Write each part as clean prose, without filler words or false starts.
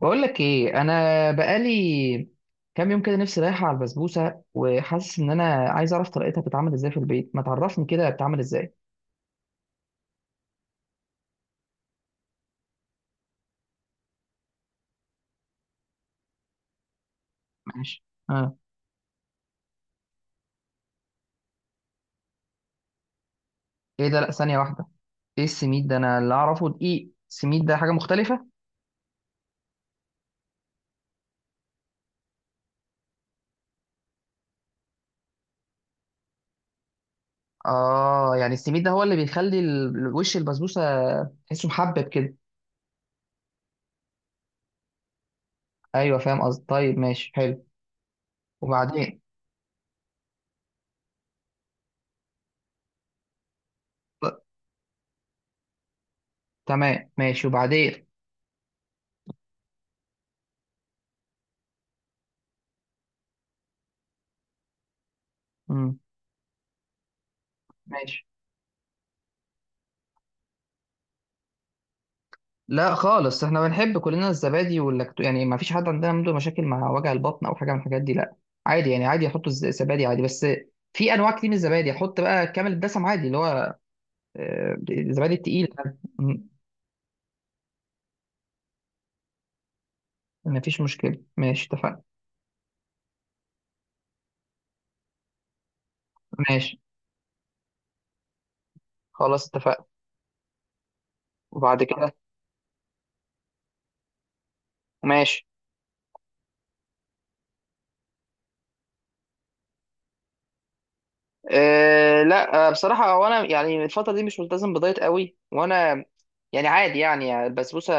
بقول لك ايه، انا بقالي كام يوم كده نفسي رايحه على البسبوسه، وحاسس ان انا عايز اعرف طريقتها بتتعمل ازاي في البيت. ما تعرفني كده بتتعمل ازاي؟ ماشي، اه. ايه ده؟ لا، ثانيه واحده. ايه السميد ده؟ انا اللي اعرفه دقيق. السميد ده حاجه مختلفه. اه، يعني السميد ده هو اللي بيخلي وش البسبوسه تحسه محبب كده. ايوه، فاهم قصدي. طيب ماشي، حلو. وبعدين؟ ط- تمام، ماشي. وبعدين؟ امم ماشي. لا خالص، احنا بنحب كلنا الزبادي واللاكتو، يعني ما فيش حد عندنا عنده مشاكل مع وجع البطن او حاجه من الحاجات دي، لا. عادي، يعني عادي يحطوا الزبادي عادي بس. في انواع كتير من الزبادي، احط بقى كامل الدسم عادي، اللي هو الزبادي التقيل. م- ما فيش مشكله، ماشي اتفقنا. ماشي خلاص اتفقنا. وبعد كده؟ ماشي. أه، لا، بصراحة هو أنا يعني الفترة دي مش ملتزم بدايت قوي، وأنا يعني عادي، يعني البسبوسة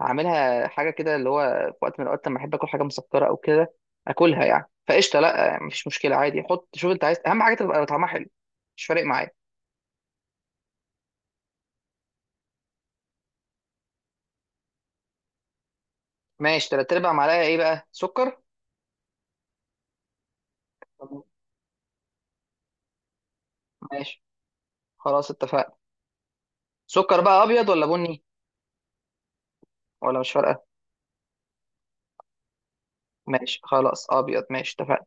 أعملها حاجة كده، اللي هو في وقت من الأوقات لما أحب آكل حاجة مسكرة أو كده آكلها، يعني فقشطة، لا يعني مفيش مشكلة. عادي، حط شوف أنت عايز. أهم حاجة تبقى طعمها حلو، مش فارق معايا. ماشي، تلات أرباع معلقة إيه بقى؟ سكر؟ طب. ماشي خلاص اتفقنا. سكر بقى أبيض ولا بني؟ ولا مش فارقة؟ ماشي خلاص، أبيض. ماشي اتفقنا.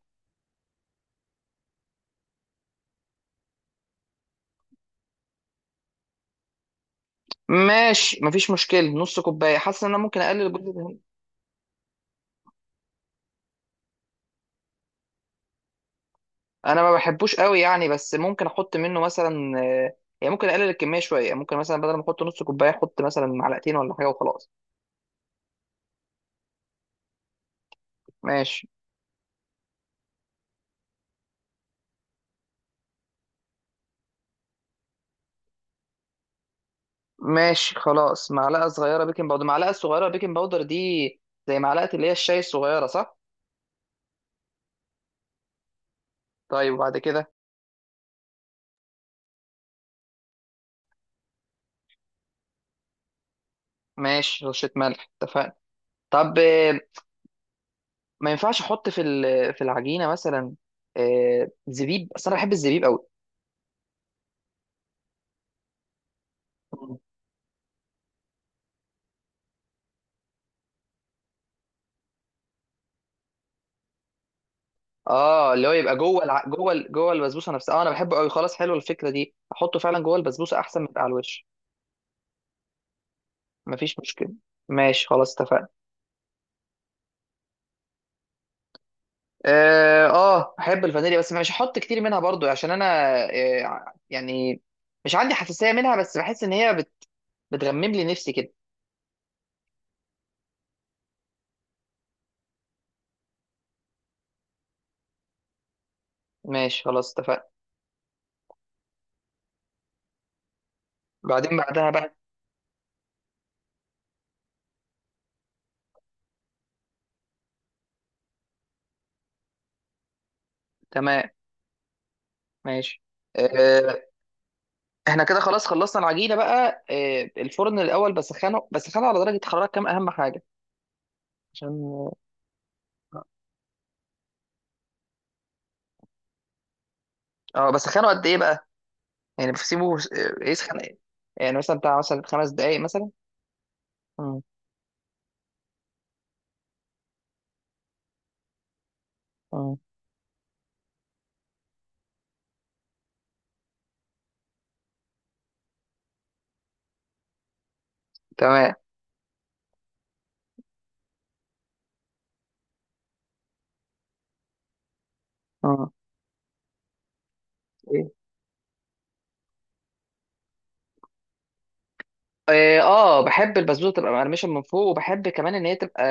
ماشي مفيش مشكلة. نص كوباية، حاسس إن أنا ممكن أقلل الجزء. انا ما بحبوش قوي يعني، بس ممكن احط منه مثلا، يعني ممكن اقلل الكميه شويه، يعني ممكن مثلا بدل ما احط نص كوبايه، احط مثلا معلقتين ولا حاجه وخلاص. ماشي. ماشي خلاص، معلقه صغيره بيكنج باودر. المعلقه الصغيره بيكنج باودر دي زي معلقه اللي هي الشاي الصغيره، صح؟ طيب، وبعد كده؟ ماشي، رشه ملح، اتفقنا. طب، ما ينفعش احط في في العجينه مثلا زبيب؟ اصل انا بحب الزبيب قوي. اه، اللي هو يبقى جوه الع... جوه ال- جوه البسبوسه نفسها. اه، انا بحبه قوي. خلاص، حلوه الفكره دي، احطه فعلا جوه البسبوسه احسن من يبقى على الوش. مفيش مشكله. ماشي خلاص اتفقنا. اه، احب الفانيليا، بس مش هحط كتير منها برضو عشان انا يعني مش عندي حساسيه منها، بس بحس ان هي بتغمم لي نفسي كده. ماشي خلاص اتفقنا. بعدين؟ بعدها بقى. تمام، ماشي. آه، احنا كده خلاص خلصنا العجينه بقى. الفرن الاول بسخنه على درجه حراره كام؟ اهم حاجه عشان. اه بس، خانه قد ايه بقى؟ يعني بسيبه، يسخن إيه؟ يعني مثلا بتاع مثلا 5 دقايق مثلا؟ مم. مم. تمام. مم. إيه؟ اه. بحب البسبوسه تبقى مقرمشه من فوق، وبحب كمان ان هي تبقى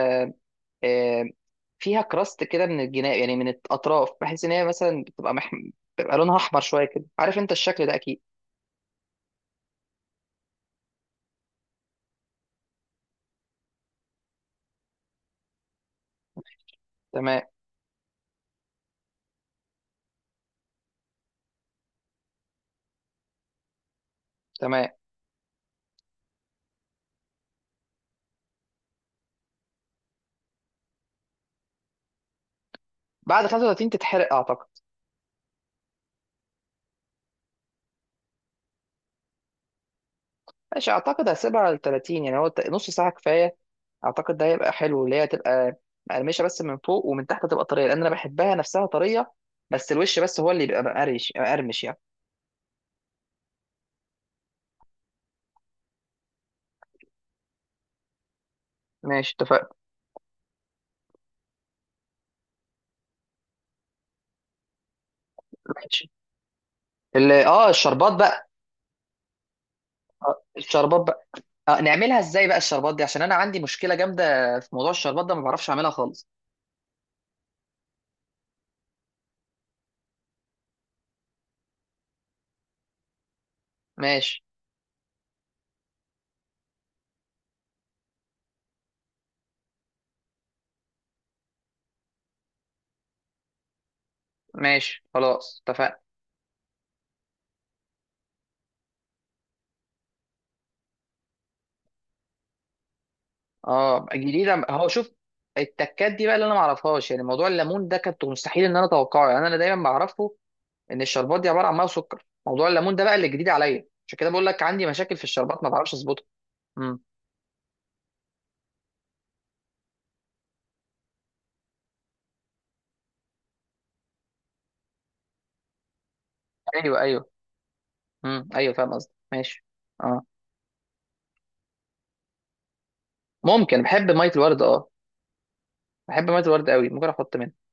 آه، فيها كراست كده من الجناب، يعني من الاطراف، بحيث ان هي مثلا بتبقى لونها احمر شويه كده. عارف انت الشكل ده اكيد. تمام. تمام. بعد 35 تتحرق اعتقد. ماشي، اعتقد هسيبها على 30 يعني، هو نص ساعه كفايه. اعتقد ده هيبقى حلو، اللي هي تبقى مقرمشه بس من فوق، ومن تحت تبقى طريه، لان انا بحبها نفسها طريه. بس الوش بس هو اللي بيبقى مقرمش يعني. ماشي اتفقنا. ماشي. الشربات بقى. الشربات بقى. نعملها ازاي بقى الشربات دي؟ عشان انا عندي مشكله جامده في موضوع الشربات ده، ما بعرفش اعملها خالص. ماشي. ماشي خلاص اتفقنا. اه جديده، هو شوف، التكات دي بقى اللي انا ما اعرفهاش، يعني موضوع الليمون ده كنت مستحيل ان انا اتوقعه، يعني انا دايما بعرفه ان الشربات دي عباره عن ميه وسكر. موضوع الليمون ده بقى اللي جديد عليا، عشان كده بقول لك عندي مشاكل في الشربات، ما بعرفش اظبطها. امم. ايوه، ايوه. امم، ايوه فاهم قصدي. ماشي. اه. ممكن. بحب ميه الورد، اه. بحب ميه الورد قوي، ممكن احط منها.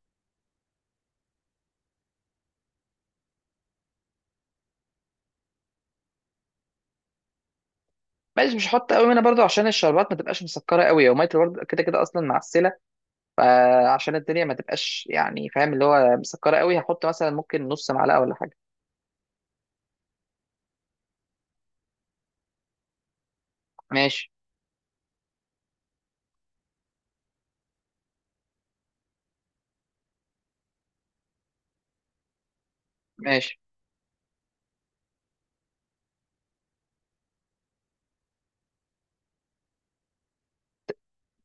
ماشي، مش هحط قوي منها برضو، عشان الشربات ما تبقاش مسكره قوي، وميه الورد كده كده اصلا معسله. فعشان الدنيا ما تبقاش، يعني فاهم، اللي هو مسكره قوي، هحط مثلا ممكن نص معلقه ولا حاجه. ماشي. ماشي.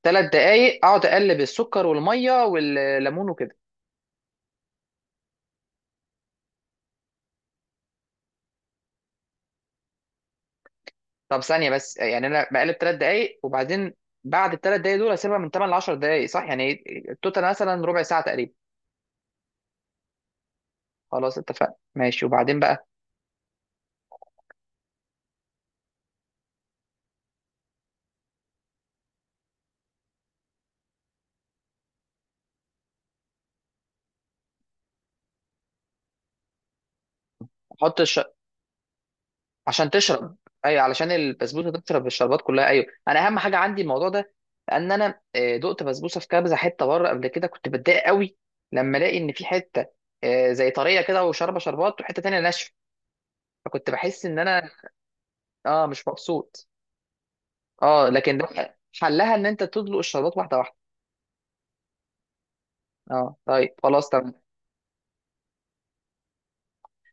3 دقايق اقعد اقلب السكر والميه والليمون وكده؟ طب ثانية بس، يعني أنا بقلب 3 دقايق، وبعدين بعد التلات دقايق دول أسيبها من 8 ل 10 دقايق، صح؟ يعني التوتال مثلا ربع ساعة تقريبا. خلاص اتفقنا ماشي. وبعدين بقى؟ أحط الش... عشان تشرب؟ أيوه، علشان البسبوسة تشرب الشربات كلها. أيوه، أنا أهم حاجة عندي الموضوع ده. لأن أنا دقت بسبوسة في كبزة حتة بره قبل كده، كنت بتضايق قوي لما ألاقي إن في حتة زي طرية كده وشاربة شربات، وحتة تانية ناشفة. فكنت بحس إن أنا أه مش مبسوط. أه، لكن ده حلها إن أنت تدلق الشربات واحدة واحدة. اه طيب، خلاص تمام.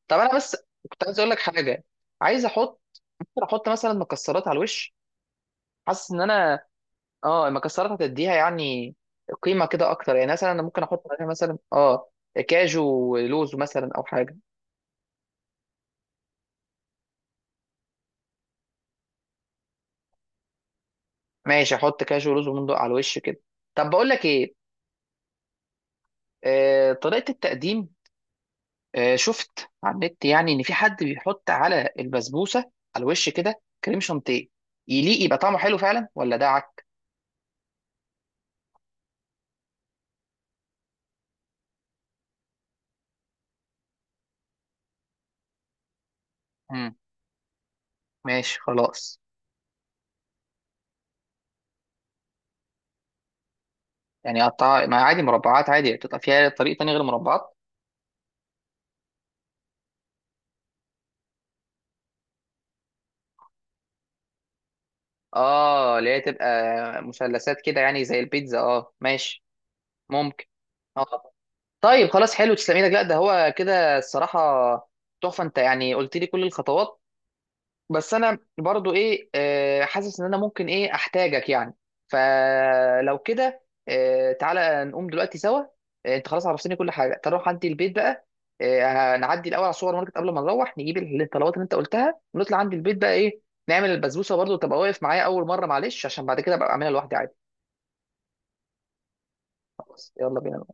طب انا بس كنت عايز اقول لك حاجه. عايز احط. ممكن احط مثلا مكسرات على الوش؟ حاسس ان انا، اه، المكسرات هتديها يعني قيمه كده اكتر، يعني مثلا انا ممكن احط عليها مثلا اه كاجو ولوز مثلا، او حاجه. ماشي، احط كاجو ولوز ومندق على الوش كده. طب بقول لك ايه، طريقه التقديم. شفت على النت يعني ان في حد بيحط على البسبوسه على الوش كده كريم شانتيه، يليق؟ يبقى طعمه حلو فعلا ولا ده عك؟ مم. ماشي خلاص. يعني قطع ما عادي، مربعات عادي، بتبقى فيها طريق تاني غير مربعات؟ اه، اللي هي تبقى مثلثات كده، يعني زي البيتزا. اه ماشي. ممكن. اه. طيب خلاص، حلو، تسلم ايدك. لا، ده هو كده الصراحة تحفة. انت يعني قلت لي كل الخطوات، بس انا برضو ايه حاسس ان انا ممكن ايه احتاجك يعني. فلو كده، تعالى نقوم دلوقتي سوا. انت خلاص عرفتني كل حاجه، تروح عندي البيت بقى. هنعدي الاول على السوبر ماركت، قبل ما نروح نجيب الطلبات اللي انت قلتها، ونطلع عندي البيت بقى، ايه نعمل البسبوسه برضو، تبقى واقف معايا اول مره معلش، عشان بعد كده ابقى اعملها لوحدي عادي. خلاص، يلا بينا.